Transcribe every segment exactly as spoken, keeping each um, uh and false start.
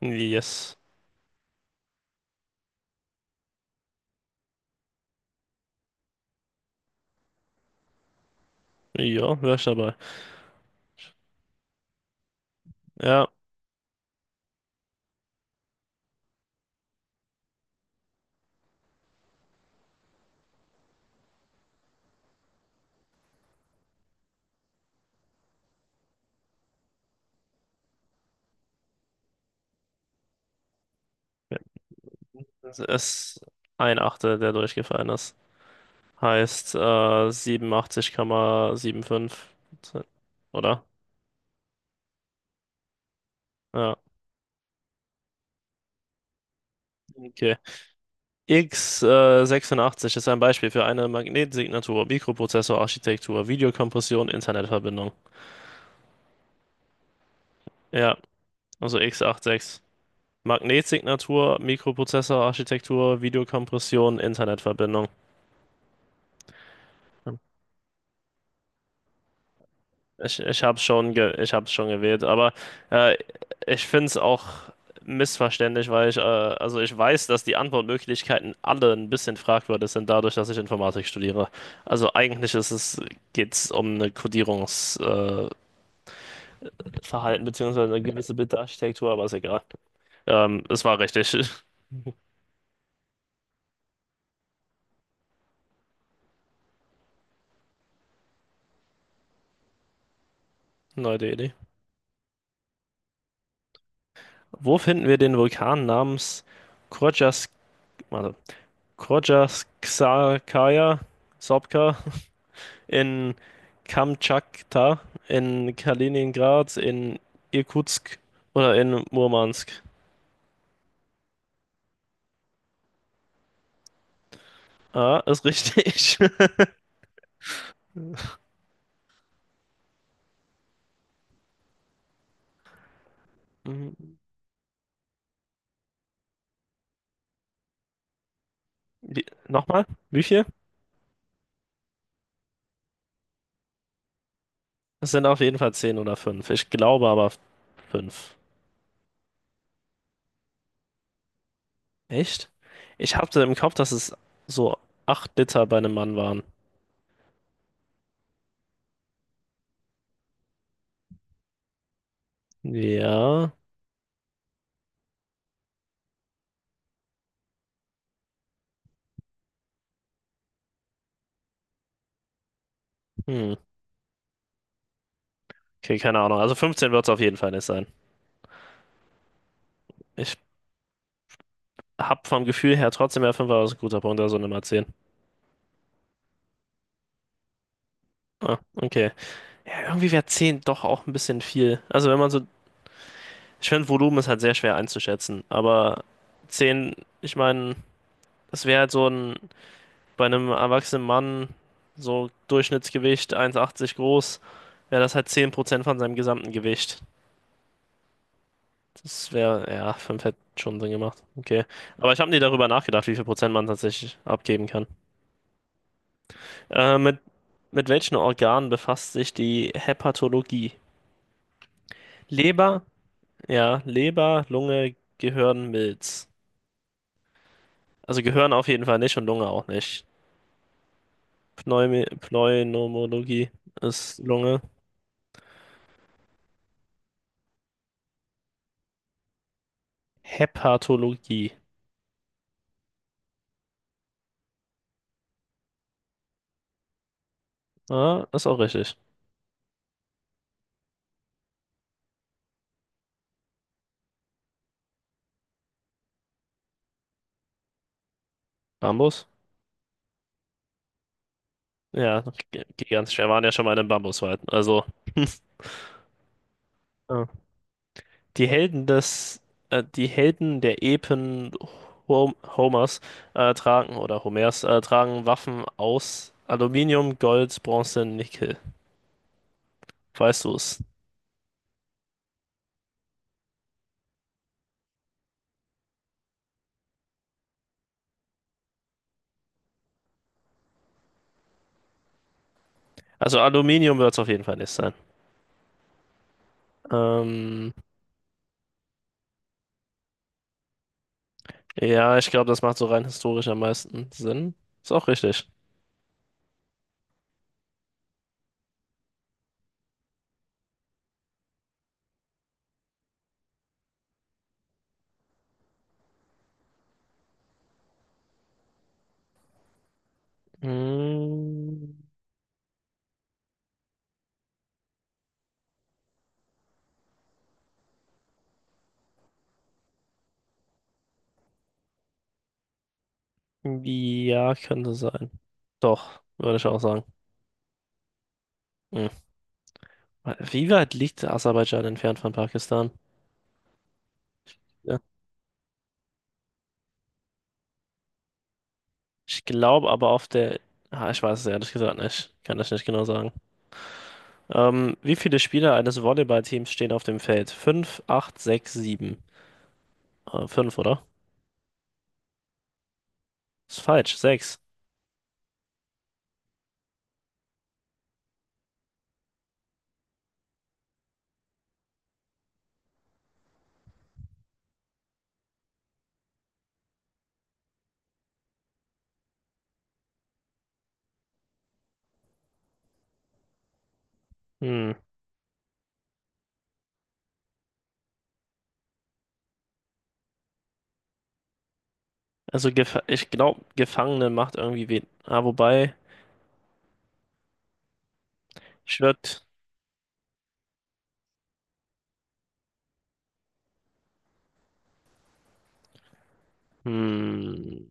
Yes. Ja, wär ich dabei. Ja, es ist ein Achtel, der durchgefallen ist. Heißt, äh, siebenundachtzig Komma fünfundsiebzig. Oder? Ja, okay. x äh, sechsundachtzig ist ein Beispiel für eine Magnetsignatur, Mikroprozessorarchitektur, Videokompression, Internetverbindung. Ja, also x sechsundachtzig. Magnetsignatur, Mikroprozessorarchitektur, Videokompression, Internetverbindung. Hm. Ich, ich habe es schon, ge ich hab's schon gewählt, aber äh, ich finde es auch missverständlich, weil ich, äh, also ich weiß, dass die Antwortmöglichkeiten alle ein bisschen fragwürdig sind, dadurch, dass ich Informatik studiere. Also eigentlich ist es, geht es um eine Codierungsverhalten äh, Verhalten beziehungsweise eine gewisse Bildarchitektur, aber ist egal. Ähm, es war richtig. Neue Idee. Wo finden wir den Vulkan namens Krodjas, warte, Krodjaskaya, Sopka? In Kamtschatka, in Kaliningrad, in Irkutsk oder in Murmansk. Ah, ist richtig. Wie- Nochmal, wie viel? Es sind auf jeden Fall zehn oder fünf. Ich glaube aber fünf. Echt? Ich hatte im Kopf, dass es so acht Liter bei einem Mann waren. Ja. Hm. Okay, keine Ahnung. Also fünfzehn wird es auf jeden Fall nicht sein. Ich hab vom Gefühl her trotzdem, ja, fünf war ein guter Punkt, also Nummer zehn. Ah, okay. Ja, irgendwie wäre zehn doch auch ein bisschen viel. Also wenn man so, ich finde Volumen ist halt sehr schwer einzuschätzen, aber zehn, ich meine, das wäre halt so ein, bei einem erwachsenen Mann, so Durchschnittsgewicht eins Komma achtzig groß, wäre das halt zehn Prozent von seinem gesamten Gewicht. Das wäre, ja, fünf hätte schon Sinn gemacht. Okay. Aber ich habe nie darüber nachgedacht, wie viel Prozent man tatsächlich abgeben kann. Äh, mit, mit welchen Organen befasst sich die Hepatologie? Leber. Ja, Leber, Lunge, Gehirn, Milz. Also Gehirn auf jeden Fall nicht und Lunge auch nicht. Pneumi Pneumologie ist Lunge. Hepatologie. Ah, ist auch richtig. Bambus? Ja, g- gigantisch. Wir waren ja schon mal in einem Bambuswald. Also, ja. Die Helden des, äh, die Helden der Epen Hom Homers äh, tragen, oder Homers, äh, tragen Waffen aus Aluminium, Gold, Bronze, Nickel. Weißt du es? Also Aluminium wird es auf jeden Fall nicht. Ähm, ja, ich glaube, das macht so rein historisch am meisten Sinn. Ist auch richtig. Mm, ja, könnte sein. Doch, würde ich auch sagen. Hm. Wie weit liegt Aserbaidschan entfernt von Pakistan? Ja. Ich glaube aber auf der. Ah, ich weiß es ehrlich gesagt nicht. Kann das nicht genau sagen. Ähm, wie viele Spieler eines Volleyballteams stehen auf dem Feld? Fünf, acht, sechs, sieben. Äh, fünf, oder? Ist falsch. Sechs. Hm. Also, gef ich glaube, Gefangene macht irgendwie wen. Ah, wobei. Ich würde, hm,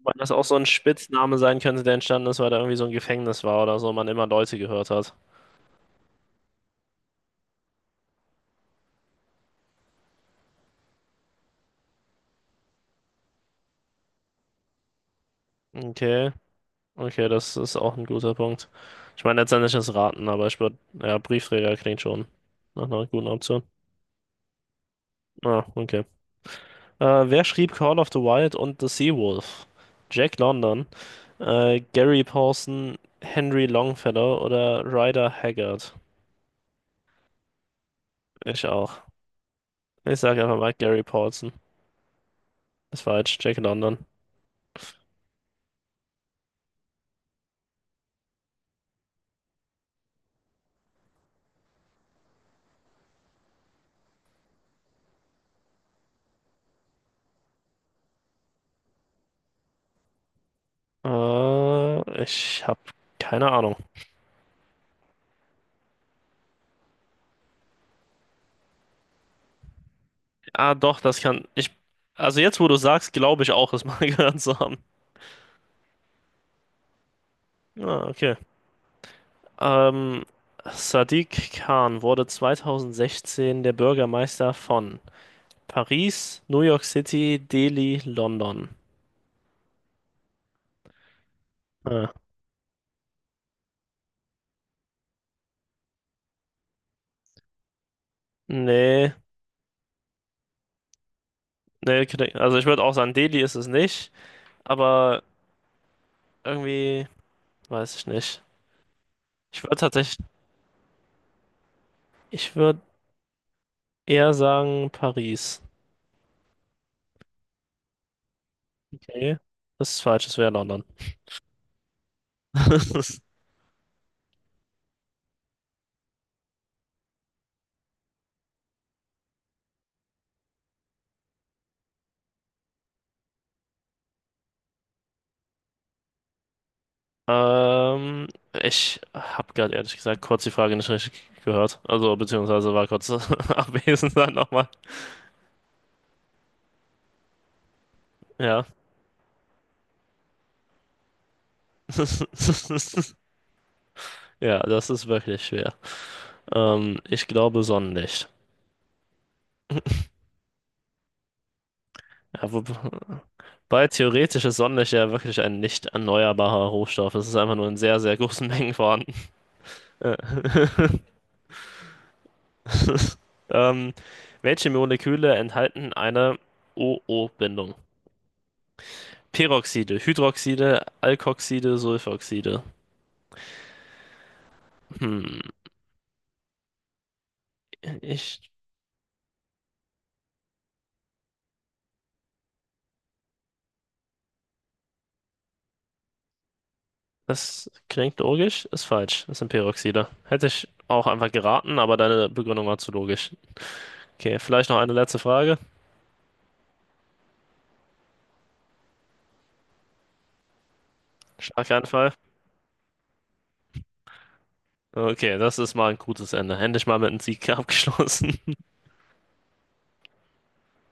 weil das auch so ein Spitzname sein könnte, der entstanden ist, weil da irgendwie so ein Gefängnis war oder so, man immer Leute gehört hat. Okay, okay, das ist auch ein guter Punkt. Ich meine, letztendlich ist Raten, aber ich würde, ja, Briefträger klingt schon nach einer guten Option. Ah, okay. Äh, wer schrieb Call of the Wild und The Seawolf? Jack London, äh, Gary Paulson, Henry Longfellow oder Ryder Haggard? Ich auch. Ich sage einfach mal Gary Paulson. Ist falsch, Jack London. Äh, ich habe keine Ahnung. Ah, doch, das kann ich. Also jetzt, wo du sagst, glaube ich auch, es mal gehört zu haben. Ah, okay. Ähm, Sadiq Khan wurde zwanzig sechzehn der Bürgermeister von Paris, New York City, Delhi, London. Ah, nee, nee, kn- also ich würde auch sagen, Delhi ist es nicht, aber irgendwie weiß ich nicht. Ich würde tatsächlich, ich würde eher sagen Paris. Okay, das ist falsch, es wäre London. Ähm, ich habe gerade ehrlich gesagt kurz die Frage nicht richtig gehört. Also, beziehungsweise war kurz abwesend dann nochmal. Ja. Ja, das ist wirklich schwer. Ähm, ich glaube Sonnenlicht. Ja, wobei theoretisch ist Sonnenlicht ja wirklich ein nicht erneuerbarer Rohstoff. Es ist einfach nur in sehr, sehr großen Mengen vorhanden. Äh. Ähm, welche Moleküle enthalten eine o o bindung? Peroxide, Hydroxide, Alkoxide, Sulfoxide. Hm, ich, das klingt logisch, ist falsch. Das sind Peroxide. Hätte ich auch einfach geraten, aber deine Begründung war zu logisch. Okay, vielleicht noch eine letzte Frage. Schlaganfall. Okay, das ist mal ein gutes Ende. Endlich mal mit einem Sieg abgeschlossen.